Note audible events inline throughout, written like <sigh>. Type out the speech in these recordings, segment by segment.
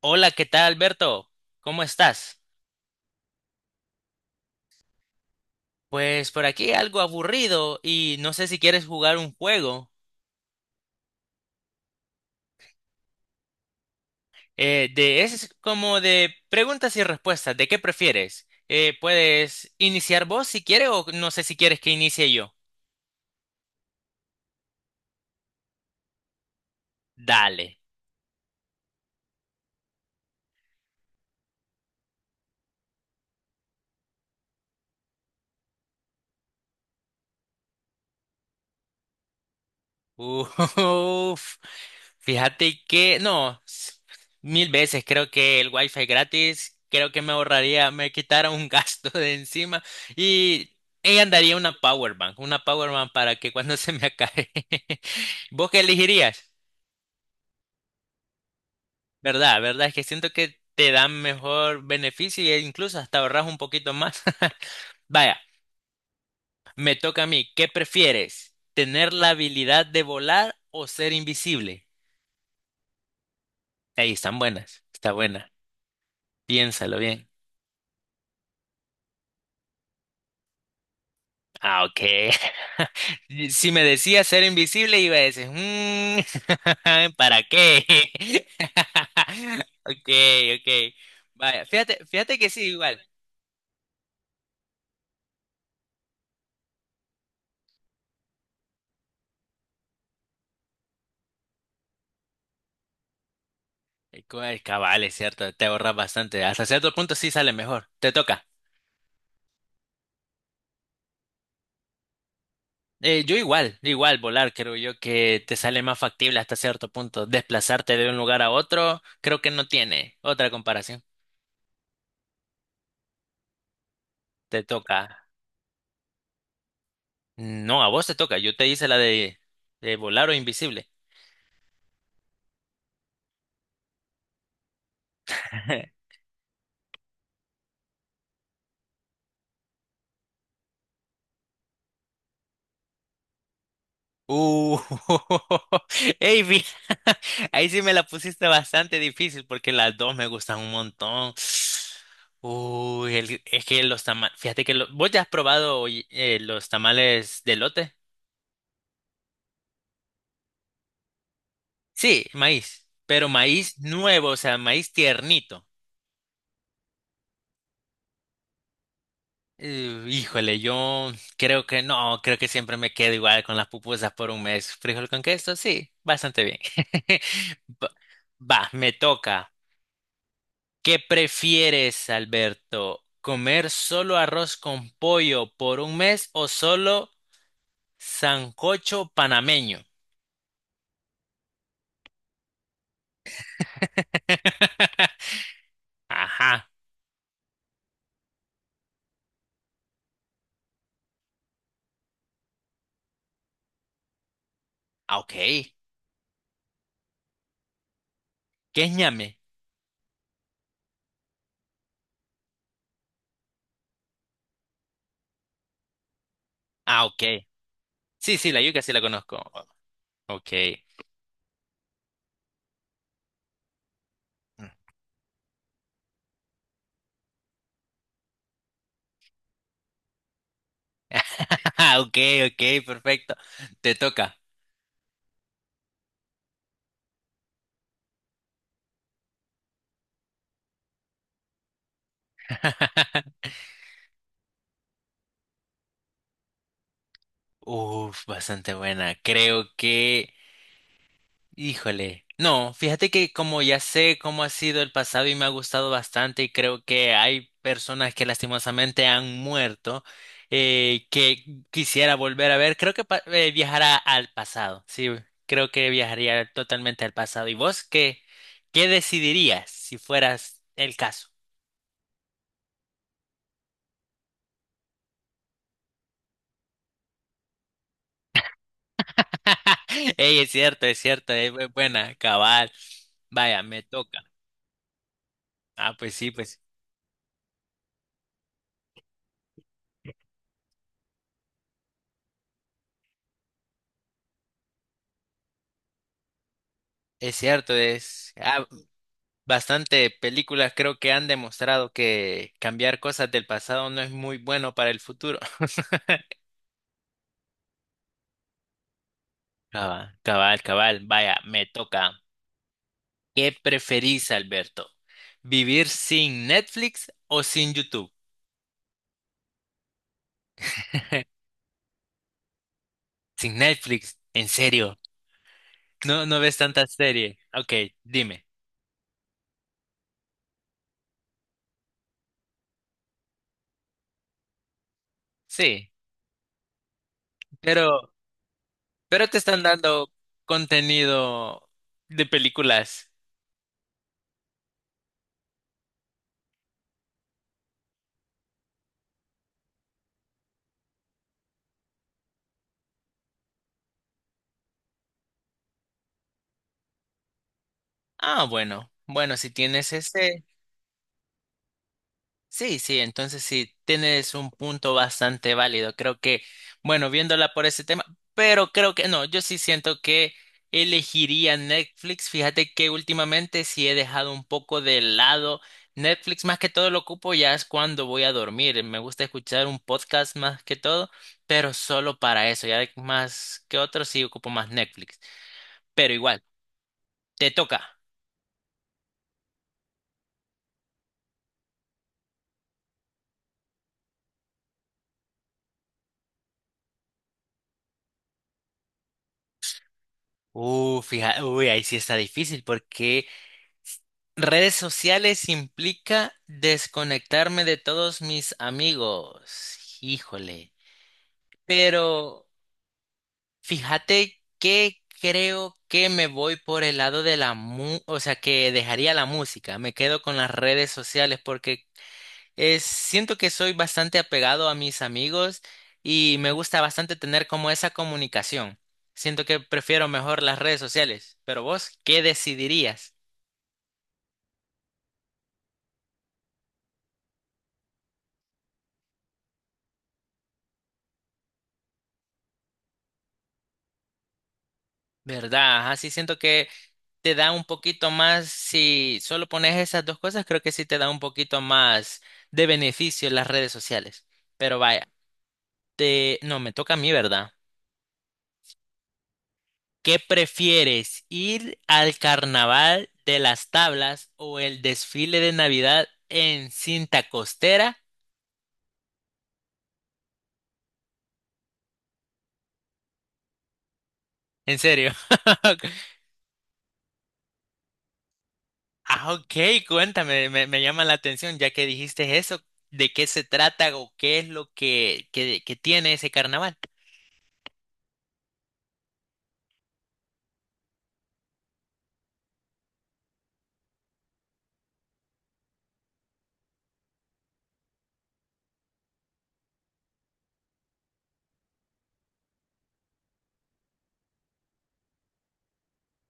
Hola, ¿qué tal, Alberto? ¿Cómo estás? Pues por aquí algo aburrido y no sé si quieres jugar un juego. Es como de preguntas y respuestas. ¿De qué prefieres? Puedes iniciar vos si quieres o no sé si quieres que inicie yo. Dale. Uf, fíjate que no, 1.000 veces creo que el wifi gratis, creo que me ahorraría, me quitara un <laughs> gasto de encima y ella andaría una power bank para que cuando se me acabe. <laughs> ¿Vos qué elegirías? ¿Verdad? ¿Verdad? Es que siento que te dan mejor beneficio e incluso hasta ahorras un poquito más. <laughs> Vaya, me toca a mí. ¿Qué prefieres? ¿Tener la habilidad de volar o ser invisible? Ahí están buenas, está buena. Piénsalo bien. Ah, ok. <laughs> Si me decías ser invisible, iba a decir, "Mm, <laughs> ¿para qué? <laughs> Ok, ok". Vaya, fíjate, fíjate que sí, igual. Cabal, es cierto, te ahorras bastante. Hasta cierto punto sí sale mejor. Te toca. Yo igual, igual volar, creo yo que te sale más factible hasta cierto punto. Desplazarte de un lugar a otro, creo que no tiene otra comparación. Te toca. No, a vos te toca. Yo te hice la de volar o invisible. <laughs> Uh, <laughs> ey, <laughs> ahí sí me la pusiste bastante difícil porque las dos me gustan un montón. Uy, es que los tamales, fíjate que vos ya has probado oye, ¿los tamales de lote? Sí, maíz, pero maíz nuevo, o sea, maíz tiernito. Híjole, yo creo que no, creo que siempre me quedo igual con las pupusas por un mes. ¿Frijol con queso? Sí, bastante bien. <laughs> Va, va, me toca. ¿Qué prefieres, Alberto? ¿Comer solo arroz con pollo por un mes o solo sancocho panameño? <laughs> Ajá, ah, ok. ¿Qué es ñame? Ah, ok. Sí, sí, la yuca sí la conozco. Ok. <laughs> Ok, ok, perfecto. Te toca. <laughs> Uf, bastante buena. Creo que, híjole. No, fíjate que como ya sé cómo ha sido el pasado y me ha gustado bastante y creo que hay personas que lastimosamente han muerto que quisiera volver a ver, creo que viajará al pasado. Sí, creo que viajaría totalmente al pasado. ¿Y vos qué decidirías si fueras el caso? <laughs> Ey, es cierto, es cierto, es buena, cabal. Vaya, me toca. Ah, pues sí, pues. Es cierto, bastante películas creo que han demostrado que cambiar cosas del pasado no es muy bueno para el futuro. <laughs> Cabal, cabal, cabal. Vaya, me toca. ¿Qué preferís, Alberto? ¿Vivir sin Netflix o sin YouTube? Sin Netflix, ¿en serio? No, no ves tantas series. Ok, dime. Sí, pero, pero te están dando contenido de películas. Ah, bueno, bueno, si tienes ese, sí, sí, entonces sí, tienes un punto bastante válido. Creo que, bueno, viéndola por ese tema, pero creo que no, yo sí siento que elegiría Netflix. Fíjate que últimamente sí he dejado un poco de lado Netflix, más que todo lo ocupo ya es cuando voy a dormir. Me gusta escuchar un podcast más que todo, pero solo para eso, ya más que otro sí ocupo más Netflix. Pero igual, te toca. Fíjate, uy, ahí sí está difícil porque redes sociales implica desconectarme de todos mis amigos. Híjole. Pero fíjate que creo que me voy por el lado o sea, que dejaría la música. Me quedo con las redes sociales porque siento que soy bastante apegado a mis amigos y me gusta bastante tener como esa comunicación. Siento que prefiero mejor las redes sociales. Pero vos, ¿qué decidirías? ¿Verdad? Ajá, sí siento que te da un poquito más, si solo pones esas dos cosas, creo que sí te da un poquito más de beneficio las redes sociales. Pero vaya, no, me toca a mí, ¿verdad? ¿Qué prefieres, ir al carnaval de las tablas o el desfile de Navidad en cinta costera? ¿En serio? <laughs> Ah, ok, cuéntame, me llama la atención ya que dijiste eso, ¿de qué se trata o qué es lo que tiene ese carnaval?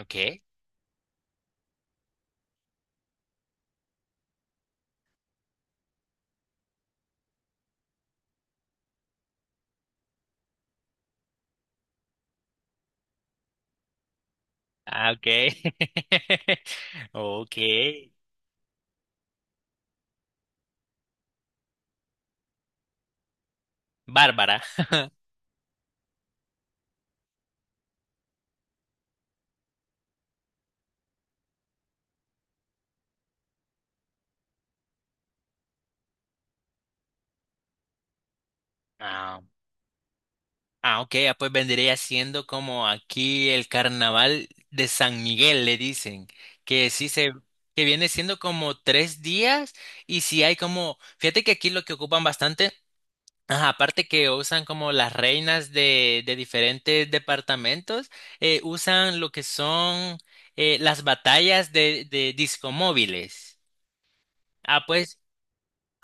Ok. Ah, ok. <laughs> Ok. Bárbara. <laughs> Ah, ah, ok. Pues vendría siendo como aquí el carnaval de San Miguel, le dicen. Que sí se. Que viene siendo como 3 días. Y si hay como. Fíjate que aquí lo que ocupan bastante. Ajá, aparte que usan como las reinas de diferentes departamentos, usan lo que son las batallas de discomóviles. Ah, pues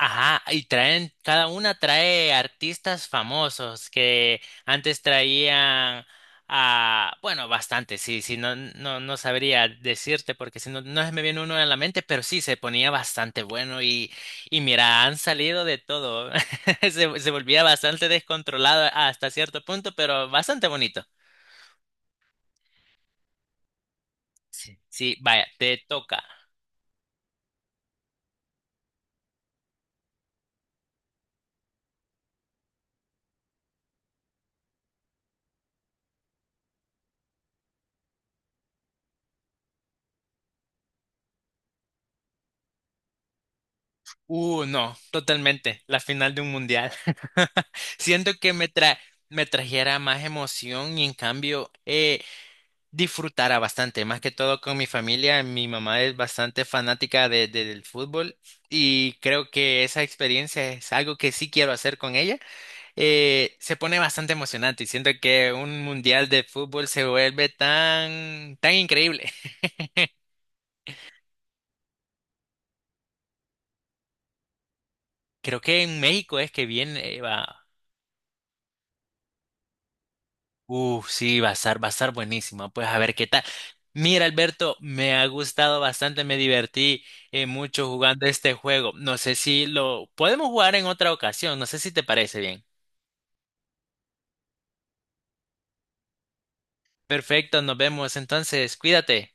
ajá, y traen, cada una trae artistas famosos que antes traían bueno, bastante, sí, sí, no, no, no sabría decirte porque si no, no se me viene uno en la mente, pero sí, se ponía bastante bueno y mira, han salido de todo. <laughs> Se volvía bastante descontrolado hasta cierto punto, pero bastante bonito. Sí, sí, vaya, te toca. No, totalmente. La final de un mundial. <laughs> Siento que me trajera más emoción y en cambio disfrutara bastante, más que todo con mi familia. Mi mamá es bastante fanática del fútbol y creo que esa experiencia es algo que sí quiero hacer con ella. Se pone bastante emocionante y siento que un mundial de fútbol se vuelve tan, tan increíble. <laughs> Creo que en México es que viene, va. Uf, sí, va a estar buenísima. Pues a ver qué tal. Mira, Alberto, me ha gustado bastante, me divertí mucho jugando este juego. No sé si lo podemos jugar en otra ocasión, no sé si te parece bien. Perfecto, nos vemos entonces, cuídate.